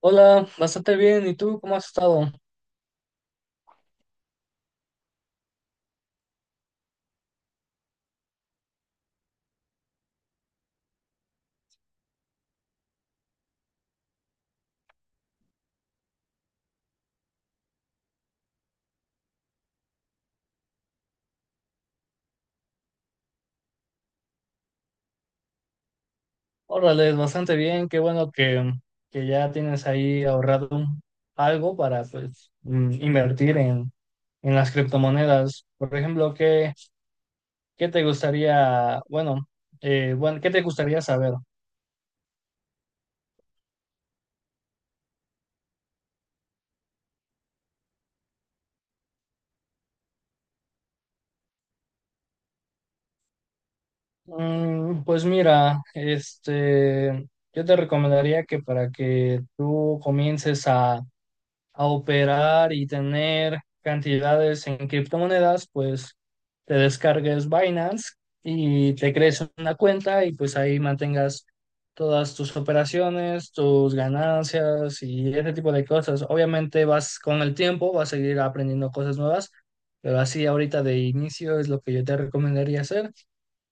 Hola, bastante bien. ¿Y tú cómo has estado? Órale, bastante bien. Qué bueno que ya tienes ahí ahorrado algo para pues invertir en las criptomonedas. Por ejemplo, ¿qué te gustaría, bueno, ¿qué te gustaría saber? Pues mira, yo te recomendaría que para que tú comiences a operar y tener cantidades en criptomonedas, pues te descargues Binance y te crees una cuenta y pues ahí mantengas todas tus operaciones, tus ganancias y ese tipo de cosas. Obviamente vas con el tiempo, vas a seguir aprendiendo cosas nuevas, pero así ahorita de inicio es lo que yo te recomendaría hacer.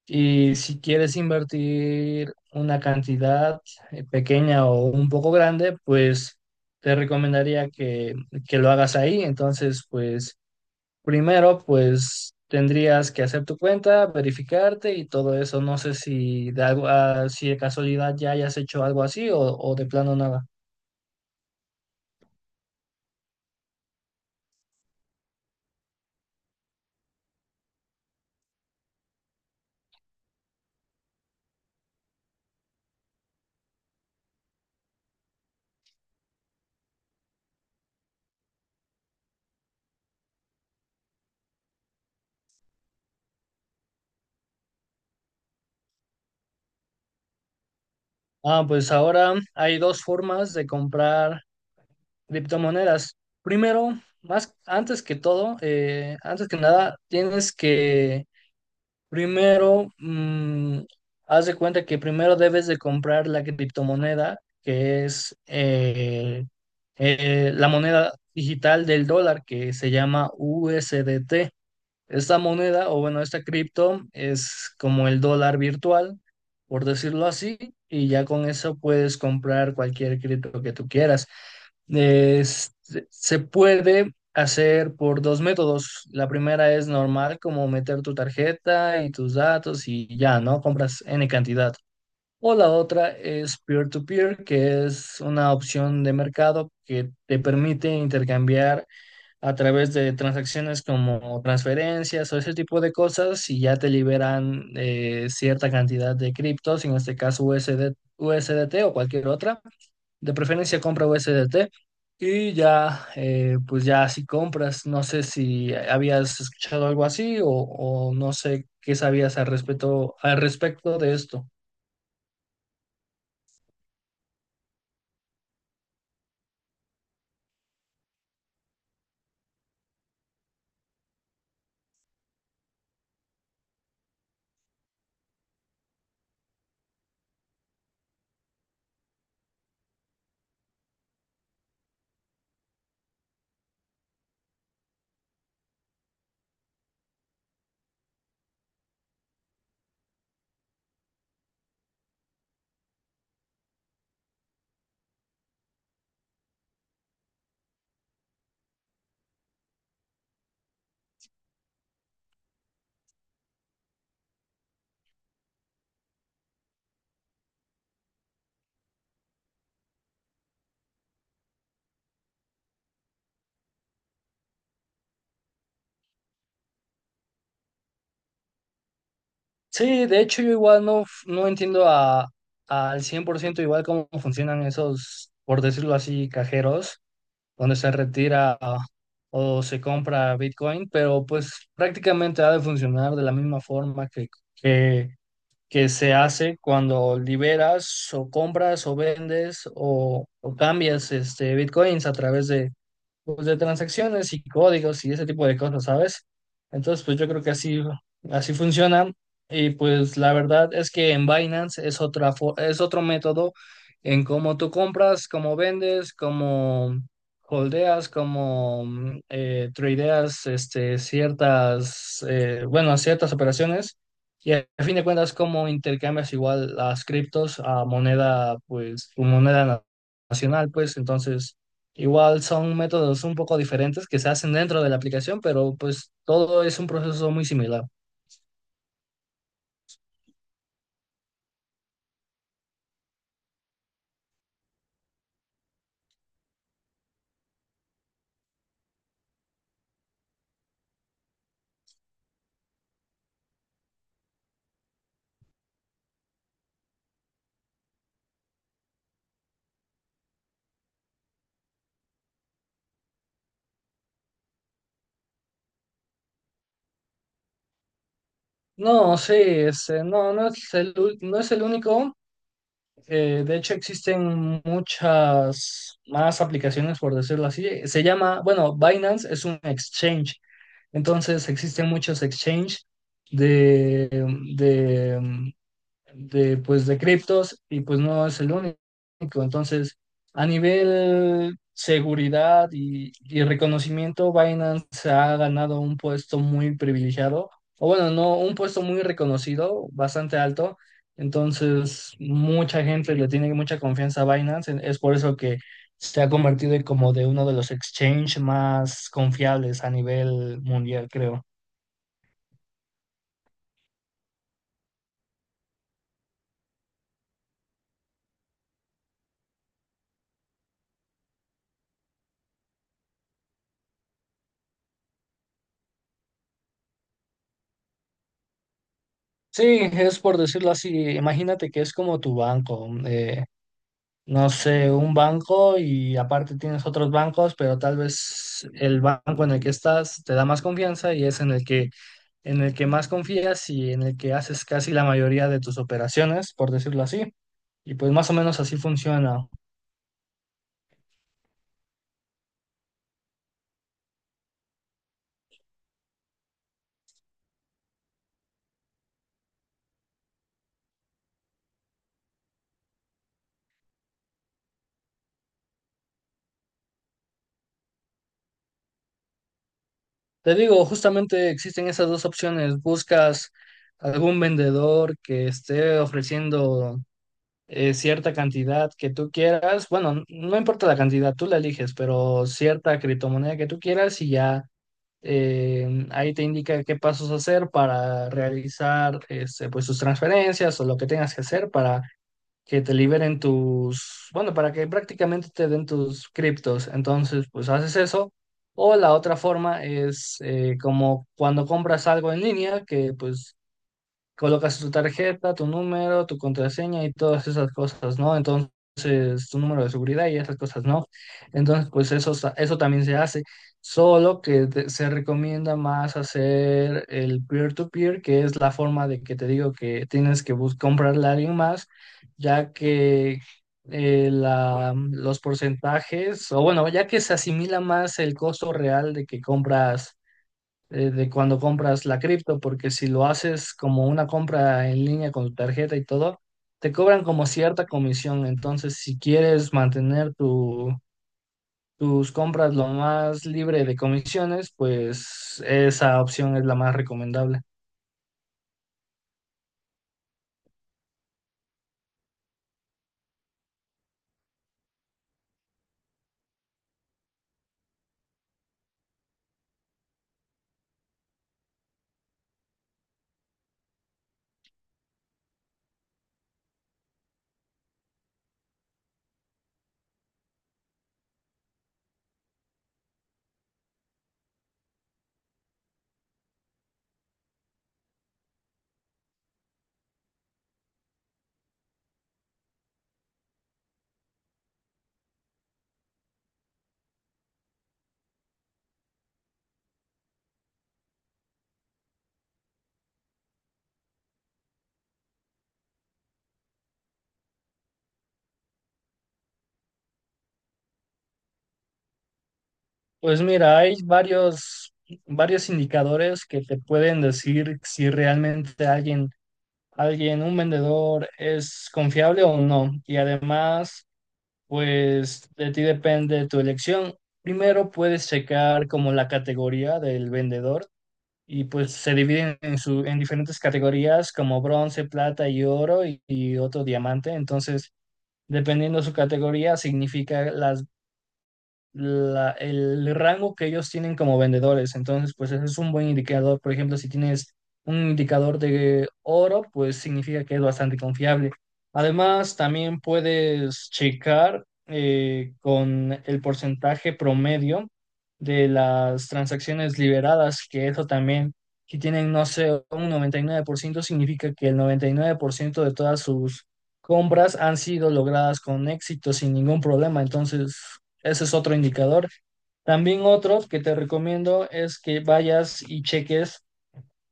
Y si quieres invertir una cantidad pequeña o un poco grande, pues te recomendaría que lo hagas ahí. Entonces, pues primero, pues tendrías que hacer tu cuenta, verificarte y todo eso. No sé si de algo, ah, si de casualidad ya hayas hecho algo así o de plano nada. Ah, pues ahora hay dos formas de comprar criptomonedas. Primero, más antes que todo, antes que nada, tienes que Primero, mm, haz de cuenta que primero debes de comprar la criptomoneda, que es la moneda digital del dólar, que se llama USDT. Esta moneda, o bueno, esta cripto es como el dólar virtual, por decirlo así, y ya con eso puedes comprar cualquier cripto que tú quieras. Es- Se puede hacer por dos métodos. La primera es normal, como meter tu tarjeta y tus datos y ya, ¿no? Compras N cantidad. O la otra es peer-to-peer, que es una opción de mercado que te permite intercambiar a través de transacciones como transferencias o ese tipo de cosas y ya te liberan cierta cantidad de criptos, en este caso USD, USDT o cualquier otra. De preferencia compra USDT y ya, pues ya si compras, no sé si habías escuchado algo así o no sé qué sabías al respecto de esto. Sí, de hecho yo igual no entiendo a, al 100% igual cómo funcionan esos, por decirlo así, cajeros, donde se retira o se compra Bitcoin, pero pues prácticamente ha de funcionar de la misma forma que, que se hace cuando liberas o compras o vendes o cambias Bitcoins a través de, pues, de transacciones y códigos y ese tipo de cosas, ¿sabes? Entonces, pues yo creo que así, así funciona. Y pues la verdad es que en Binance es es otro método en cómo tú compras, cómo vendes, cómo holdeas, cómo tradeas ciertas, ciertas operaciones. Y a fin de cuentas, cómo intercambias igual las criptos a moneda, pues, tu nacional, pues, entonces. Igual son métodos un poco diferentes que se hacen dentro de la aplicación, pero pues todo es un proceso muy similar. No, sí, no, no es no es el único. De hecho, existen muchas más aplicaciones, por decirlo así. Se llama, bueno, Binance es un exchange. Entonces, existen muchos exchange de, de, pues, de criptos y pues no es el único. Entonces, a nivel seguridad y reconocimiento, Binance ha ganado un puesto muy privilegiado, o bueno, no, un puesto muy reconocido, bastante alto. Entonces, mucha gente le tiene mucha confianza a Binance. Es por eso que se ha convertido en como de uno de los exchanges más confiables a nivel mundial, creo. Sí, es por decirlo así. Imagínate que es como tu banco. No sé, un banco y aparte tienes otros bancos, pero tal vez el banco en el que estás te da más confianza y es en el que más confías y en el que haces casi la mayoría de tus operaciones, por decirlo así. Y pues más o menos así funciona. Te digo, justamente existen esas dos opciones. Buscas algún vendedor que esté ofreciendo cierta cantidad que tú quieras. Bueno, no importa la cantidad, tú la eliges, pero cierta criptomoneda que tú quieras y ya. Ahí te indica qué pasos hacer para realizar pues, tus transferencias o lo que tengas que hacer para que te liberen tus, bueno, para que prácticamente te den tus criptos. Entonces, pues haces eso. O la otra forma es como cuando compras algo en línea, que pues colocas tu tarjeta, tu número, tu contraseña y todas esas cosas, ¿no? Entonces, tu número de seguridad y esas cosas, ¿no? Entonces, eso también se hace, solo que se recomienda más hacer el peer-to-peer, que es la forma de que te digo que tienes que comprarle a alguien más, ya que... los porcentajes, o bueno, ya que se asimila más el costo real de que compras de cuando compras la cripto, porque si lo haces como una compra en línea con tu tarjeta y todo, te cobran como cierta comisión. Entonces, si quieres mantener tu, tus compras lo más libre de comisiones, pues esa opción es la más recomendable. Pues mira, hay varios, varios indicadores que te pueden decir si realmente alguien, alguien, un vendedor es confiable o no. Y además, pues de ti depende tu elección. Primero puedes checar como la categoría del vendedor y pues se dividen en diferentes categorías como bronce, plata y oro y otro diamante. Entonces, dependiendo su categoría, significa el rango que ellos tienen como vendedores. Entonces, pues ese es un buen indicador. Por ejemplo, si tienes un indicador de oro, pues significa que es bastante confiable. Además, también puedes checar con el porcentaje promedio de las transacciones liberadas, que eso también, si tienen, no sé, un 99%, significa que el 99% de todas sus compras han sido logradas con éxito, sin ningún problema. Entonces, ese es otro indicador. También otro que te recomiendo es que vayas y cheques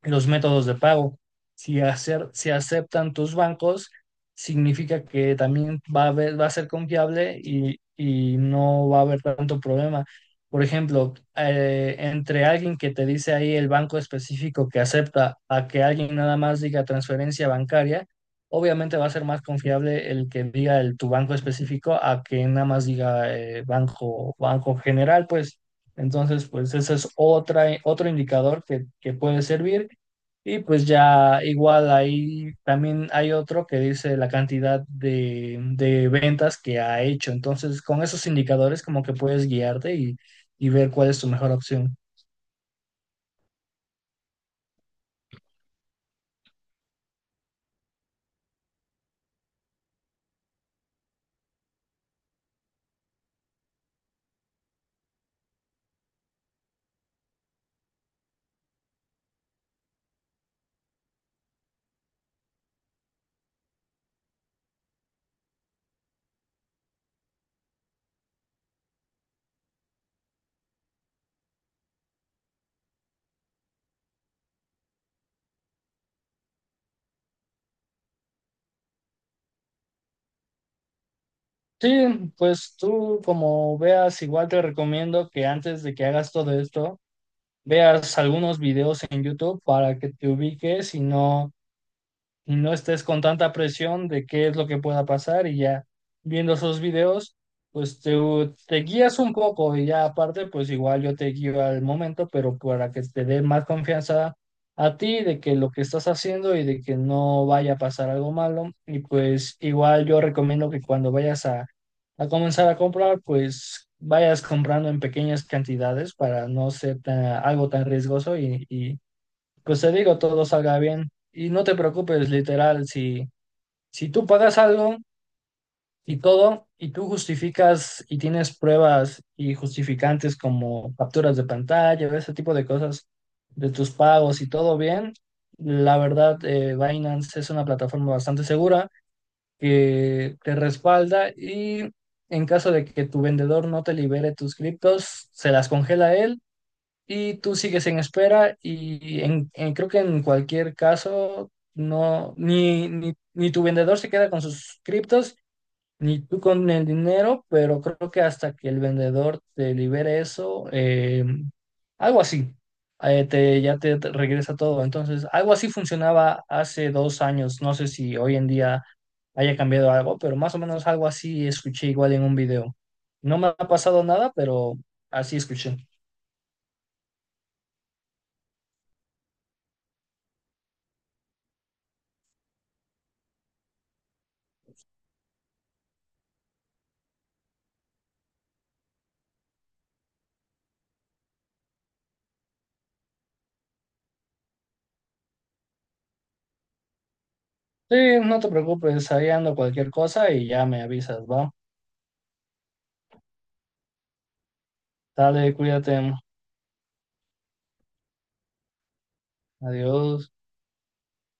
los métodos de pago. Si aceptan tus bancos, significa que también va a ser confiable y no va a haber tanto problema. Por ejemplo, entre alguien que te dice ahí el banco específico que acepta a que alguien nada más diga transferencia bancaria, obviamente va a ser más confiable el que diga tu banco específico a que nada más diga banco general, pues. Entonces, pues ese es otro indicador que puede servir. Y pues ya igual ahí también hay otro que dice la cantidad de ventas que ha hecho. Entonces, con esos indicadores como que puedes guiarte y ver cuál es tu mejor opción. Sí, pues tú como veas, igual te recomiendo que antes de que hagas todo esto, veas algunos videos en YouTube para que te ubiques y no estés con tanta presión de qué es lo que pueda pasar y ya viendo esos videos, pues te guías un poco y ya aparte, pues igual yo te guío al momento, pero para que te dé más confianza a ti de que lo que estás haciendo y de que no vaya a pasar algo malo. Y pues igual yo recomiendo que cuando vayas a comenzar a comprar, pues... vayas comprando en pequeñas cantidades para no ser algo tan riesgoso y pues te digo, todo salga bien. Y no te preocupes, literal, si tú pagas algo y todo, y tú justificas y tienes pruebas y justificantes como capturas de pantalla, ese tipo de cosas de tus pagos y todo bien, la verdad, Binance es una plataforma bastante segura que te respalda y en caso de que tu vendedor no te libere tus criptos, se las congela él y tú sigues en espera y creo que en cualquier caso no ni tu vendedor se queda con sus criptos ni tú con el dinero, pero creo que hasta que el vendedor te libere eso, algo así, ya te regresa todo. Entonces, algo así funcionaba hace 2 años. No sé si hoy en día haya cambiado algo, pero más o menos algo así escuché igual en un video. No me ha pasado nada, pero así escuché. Sí, no te preocupes, ahí ando cualquier cosa y ya me avisas, ¿va? Dale, cuídate. Adiós.